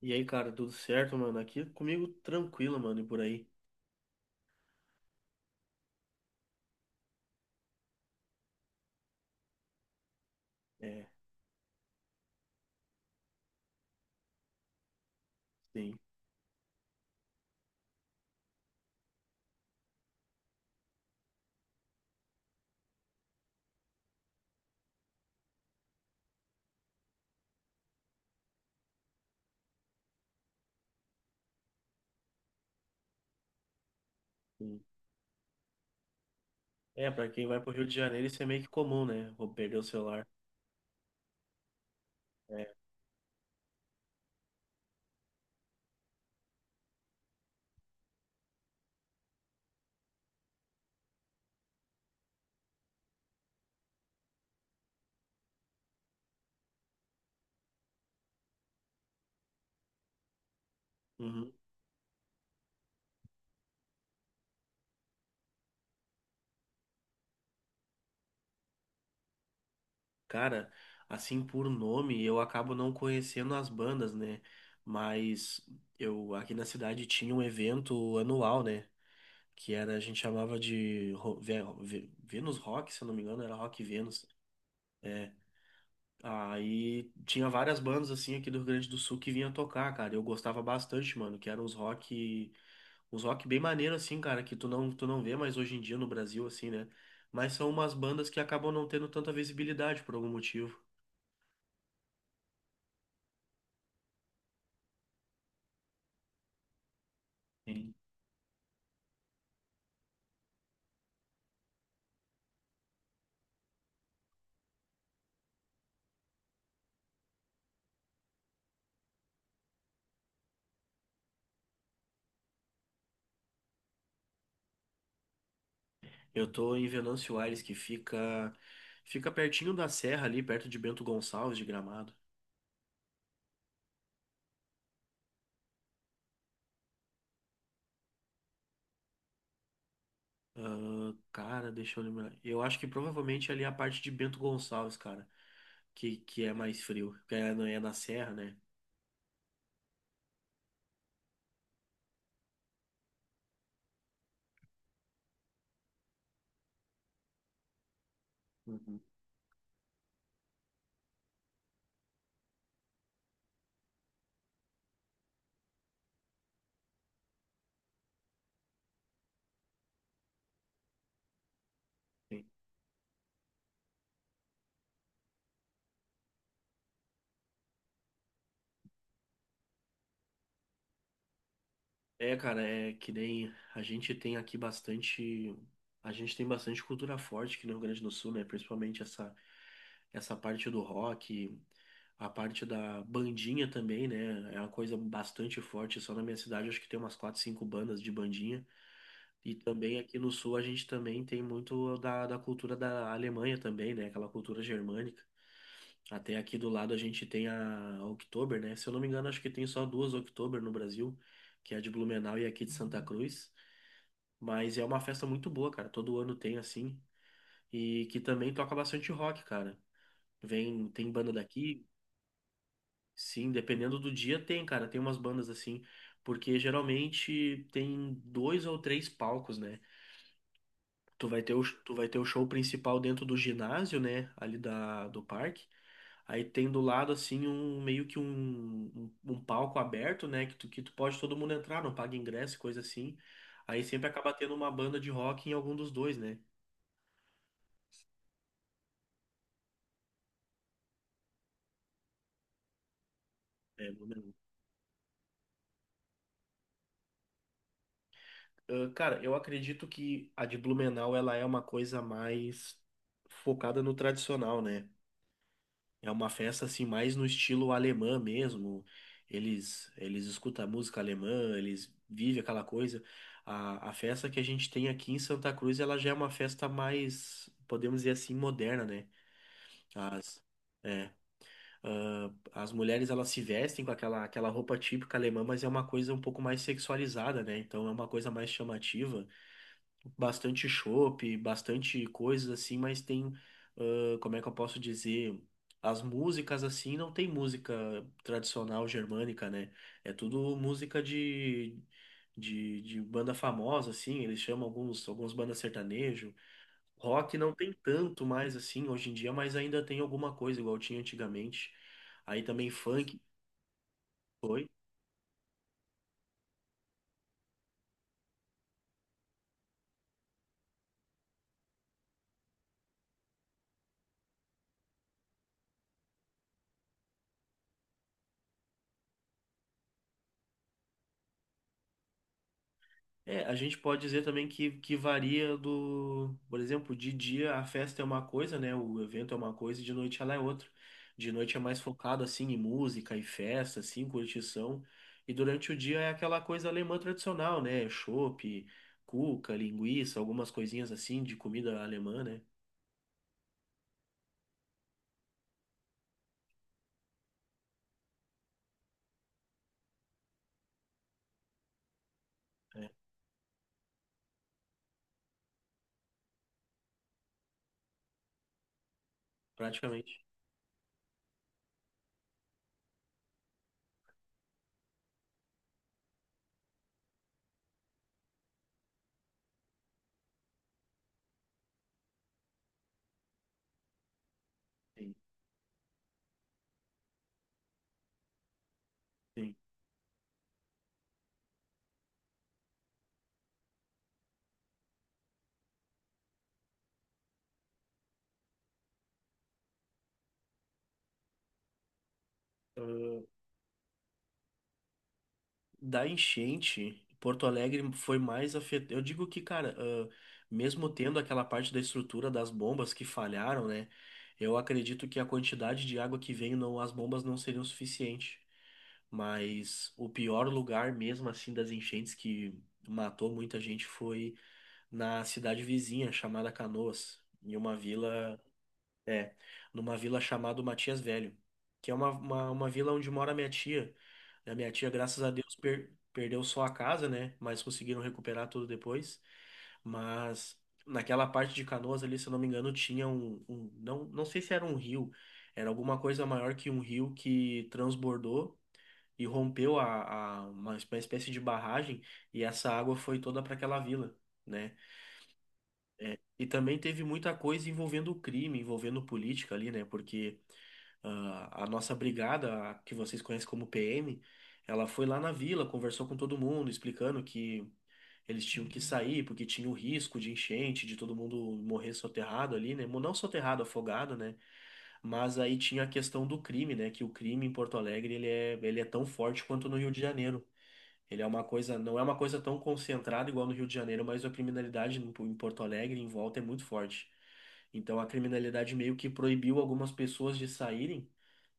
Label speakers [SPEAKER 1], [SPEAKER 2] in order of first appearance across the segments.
[SPEAKER 1] E aí, cara, tudo certo, mano? Aqui comigo tranquilo, mano, e por aí. É, sim, sim. É, pra quem vai pro Rio de Janeiro, isso é meio que comum, né? Vou perder o celular. É. Uhum. Cara, assim por nome, eu acabo não conhecendo as bandas, né? Mas eu aqui na cidade tinha um evento anual, né? Que era, a gente chamava de Venus Rock, se eu não me engano, era Rock Venus. É, aí tinha várias bandas assim aqui do Rio Grande do Sul que vinha tocar, cara. Eu gostava bastante, mano, que eram os rock, uns rock bem maneiro assim, cara, que tu não vê mais hoje em dia no Brasil assim, né? Mas são umas bandas que acabam não tendo tanta visibilidade por algum motivo. Sim. Eu tô em Venâncio Aires, que fica pertinho da serra ali, perto de Bento Gonçalves de Gramado. Ah, cara, deixa eu lembrar. Eu acho que provavelmente ali é a parte de Bento Gonçalves, cara, que é mais frio, que é, não é na serra, né? Uhum. É, cara, é que nem a gente tem aqui bastante, a gente tem bastante cultura forte aqui no Rio Grande do Sul, né? Principalmente essa parte do rock, a parte da bandinha também, né? É uma coisa bastante forte. Só na minha cidade acho que tem umas quatro, cinco bandas de bandinha. E também aqui no sul a gente também tem muito da cultura da Alemanha também, né? Aquela cultura germânica. Até aqui do lado a gente tem a Oktober, né? Se eu não me engano, acho que tem só duas Oktober no Brasil, que é a de Blumenau e aqui de Santa Cruz. Mas é uma festa muito boa, cara. Todo ano tem assim. E que também toca bastante rock, cara. Vem, tem banda daqui. Sim, dependendo do dia tem, cara. Tem umas bandas assim. Porque geralmente tem dois ou três palcos, né? Tu vai ter o show principal dentro do ginásio, né? Do parque. Aí tem do lado assim um meio que um palco aberto, né? Que que tu pode todo mundo entrar, não paga ingresso, e coisa assim. Aí sempre acaba tendo uma banda de rock em algum dos dois, né? É, ah, cara, eu acredito que a de Blumenau ela é uma coisa mais focada no tradicional, né? É uma festa assim mais no estilo alemã mesmo. Eles escutam música alemã, eles vivem aquela coisa. A festa que a gente tem aqui em Santa Cruz, ela já é uma festa mais, podemos dizer assim, moderna, né? As, é, ah, as mulheres elas se vestem com aquela roupa típica alemã, mas é uma coisa um pouco mais sexualizada, né? Então é uma coisa mais chamativa, bastante chopp, bastante coisas assim, mas tem, ah, como é que eu posso dizer? As músicas assim não tem música tradicional germânica, né? É tudo música de banda famosa, assim, eles chamam alguns bandas sertanejo. Rock não tem tanto mais assim hoje em dia, mas ainda tem alguma coisa igual tinha antigamente. Aí também funk. Oi? É, a gente pode dizer também que varia do, por exemplo, de dia a festa é uma coisa, né? O evento é uma coisa e de noite ela é outra. De noite é mais focado assim em música e festa, assim, curtição. E durante o dia é aquela coisa alemã tradicional, né? Chopp, cuca, linguiça, algumas coisinhas assim de comida alemã, né? É, praticamente. Sim, sim. Da enchente, Porto Alegre foi mais afetado. Eu digo que, cara, ah, mesmo tendo aquela parte da estrutura das bombas que falharam, né? Eu acredito que a quantidade de água que vem, não, as bombas não seriam suficiente. Mas o pior lugar mesmo, assim, das enchentes que matou muita gente foi na cidade vizinha, chamada Canoas, em uma vila, é, numa vila chamada Matias Velho, que é uma vila onde mora minha tia. A minha tia, graças a Deus, perdeu só a casa, né? Mas conseguiram recuperar tudo depois. Mas naquela parte de Canoas ali, se eu não me engano, tinha não, não sei se era um rio, era alguma coisa maior que um rio que transbordou e rompeu uma espécie de barragem, e essa água foi toda para aquela vila, né? E também teve muita coisa envolvendo crime, envolvendo política ali, né? Porque ah, a nossa brigada, a que vocês conhecem como PM, ela foi lá na vila, conversou com todo mundo, explicando que eles tinham que sair porque tinha o risco de enchente, de todo mundo morrer soterrado ali, né? Não soterrado, afogado, né? Mas aí tinha a questão do crime, né? Que o crime em Porto Alegre ele é tão forte quanto no Rio de Janeiro. Ele é uma coisa, não é uma coisa tão concentrada igual no Rio de Janeiro, mas a criminalidade em Porto Alegre, em volta, é muito forte. Então a criminalidade meio que proibiu algumas pessoas de saírem,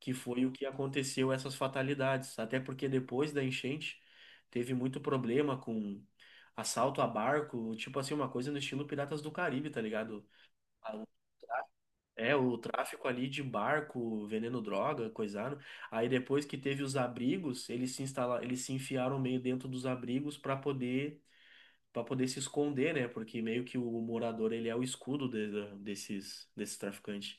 [SPEAKER 1] que foi o que aconteceu essas fatalidades. Até porque depois da enchente teve muito problema com assalto a barco, tipo assim, uma coisa no estilo Piratas do Caribe, tá ligado? A- É, o tráfico ali de barco, vendendo droga, coisado. Aí depois que teve os abrigos, eles se enfiaram meio dentro dos abrigos para poder se esconder, né? Porque meio que o morador ele é o escudo desses traficantes.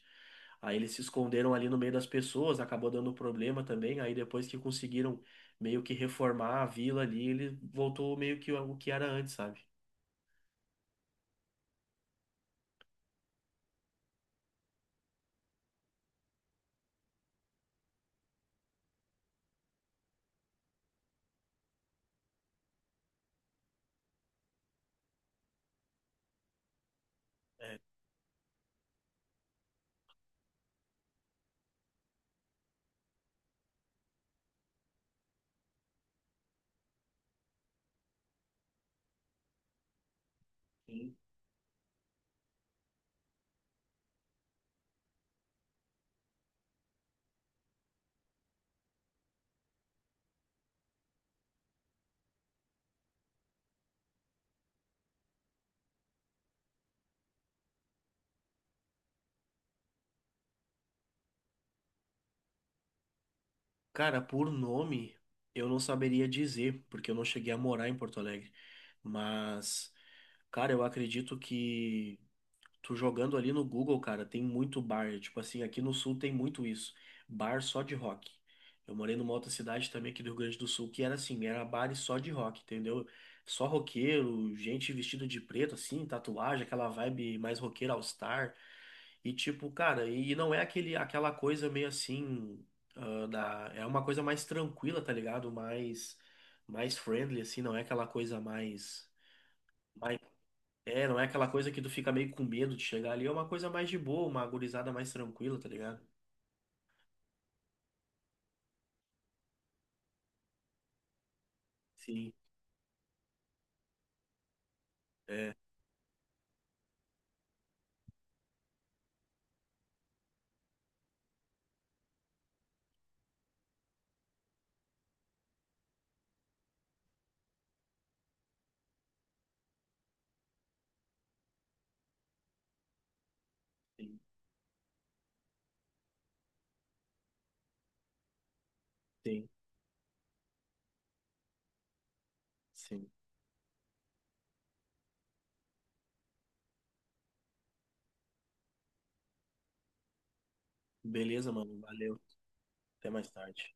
[SPEAKER 1] Aí eles se esconderam ali no meio das pessoas, acabou dando problema também. Aí depois que conseguiram meio que reformar a vila ali, ele voltou meio que o que era antes, sabe? É, sim. Cara, por nome, eu não saberia dizer, porque eu não cheguei a morar em Porto Alegre. Mas, cara, eu acredito que, tu jogando ali no Google, cara, tem muito bar. Tipo assim, aqui no sul tem muito isso. Bar só de rock. Eu morei numa outra cidade também aqui do Rio Grande do Sul, que era assim, era bar e só de rock, entendeu? Só roqueiro, gente vestida de preto, assim, tatuagem, aquela vibe mais roqueira all-star. E tipo, cara, e não é aquela coisa meio assim, ah, da, é uma coisa mais tranquila, tá ligado? Mais friendly, assim, não é aquela coisa mais. mais é, não é aquela coisa que tu fica meio com medo de chegar ali. É uma coisa mais de boa, uma gurizada mais tranquila, tá ligado? Sim, é, sim, sim, sim. Beleza, mano. Valeu. Até mais tarde.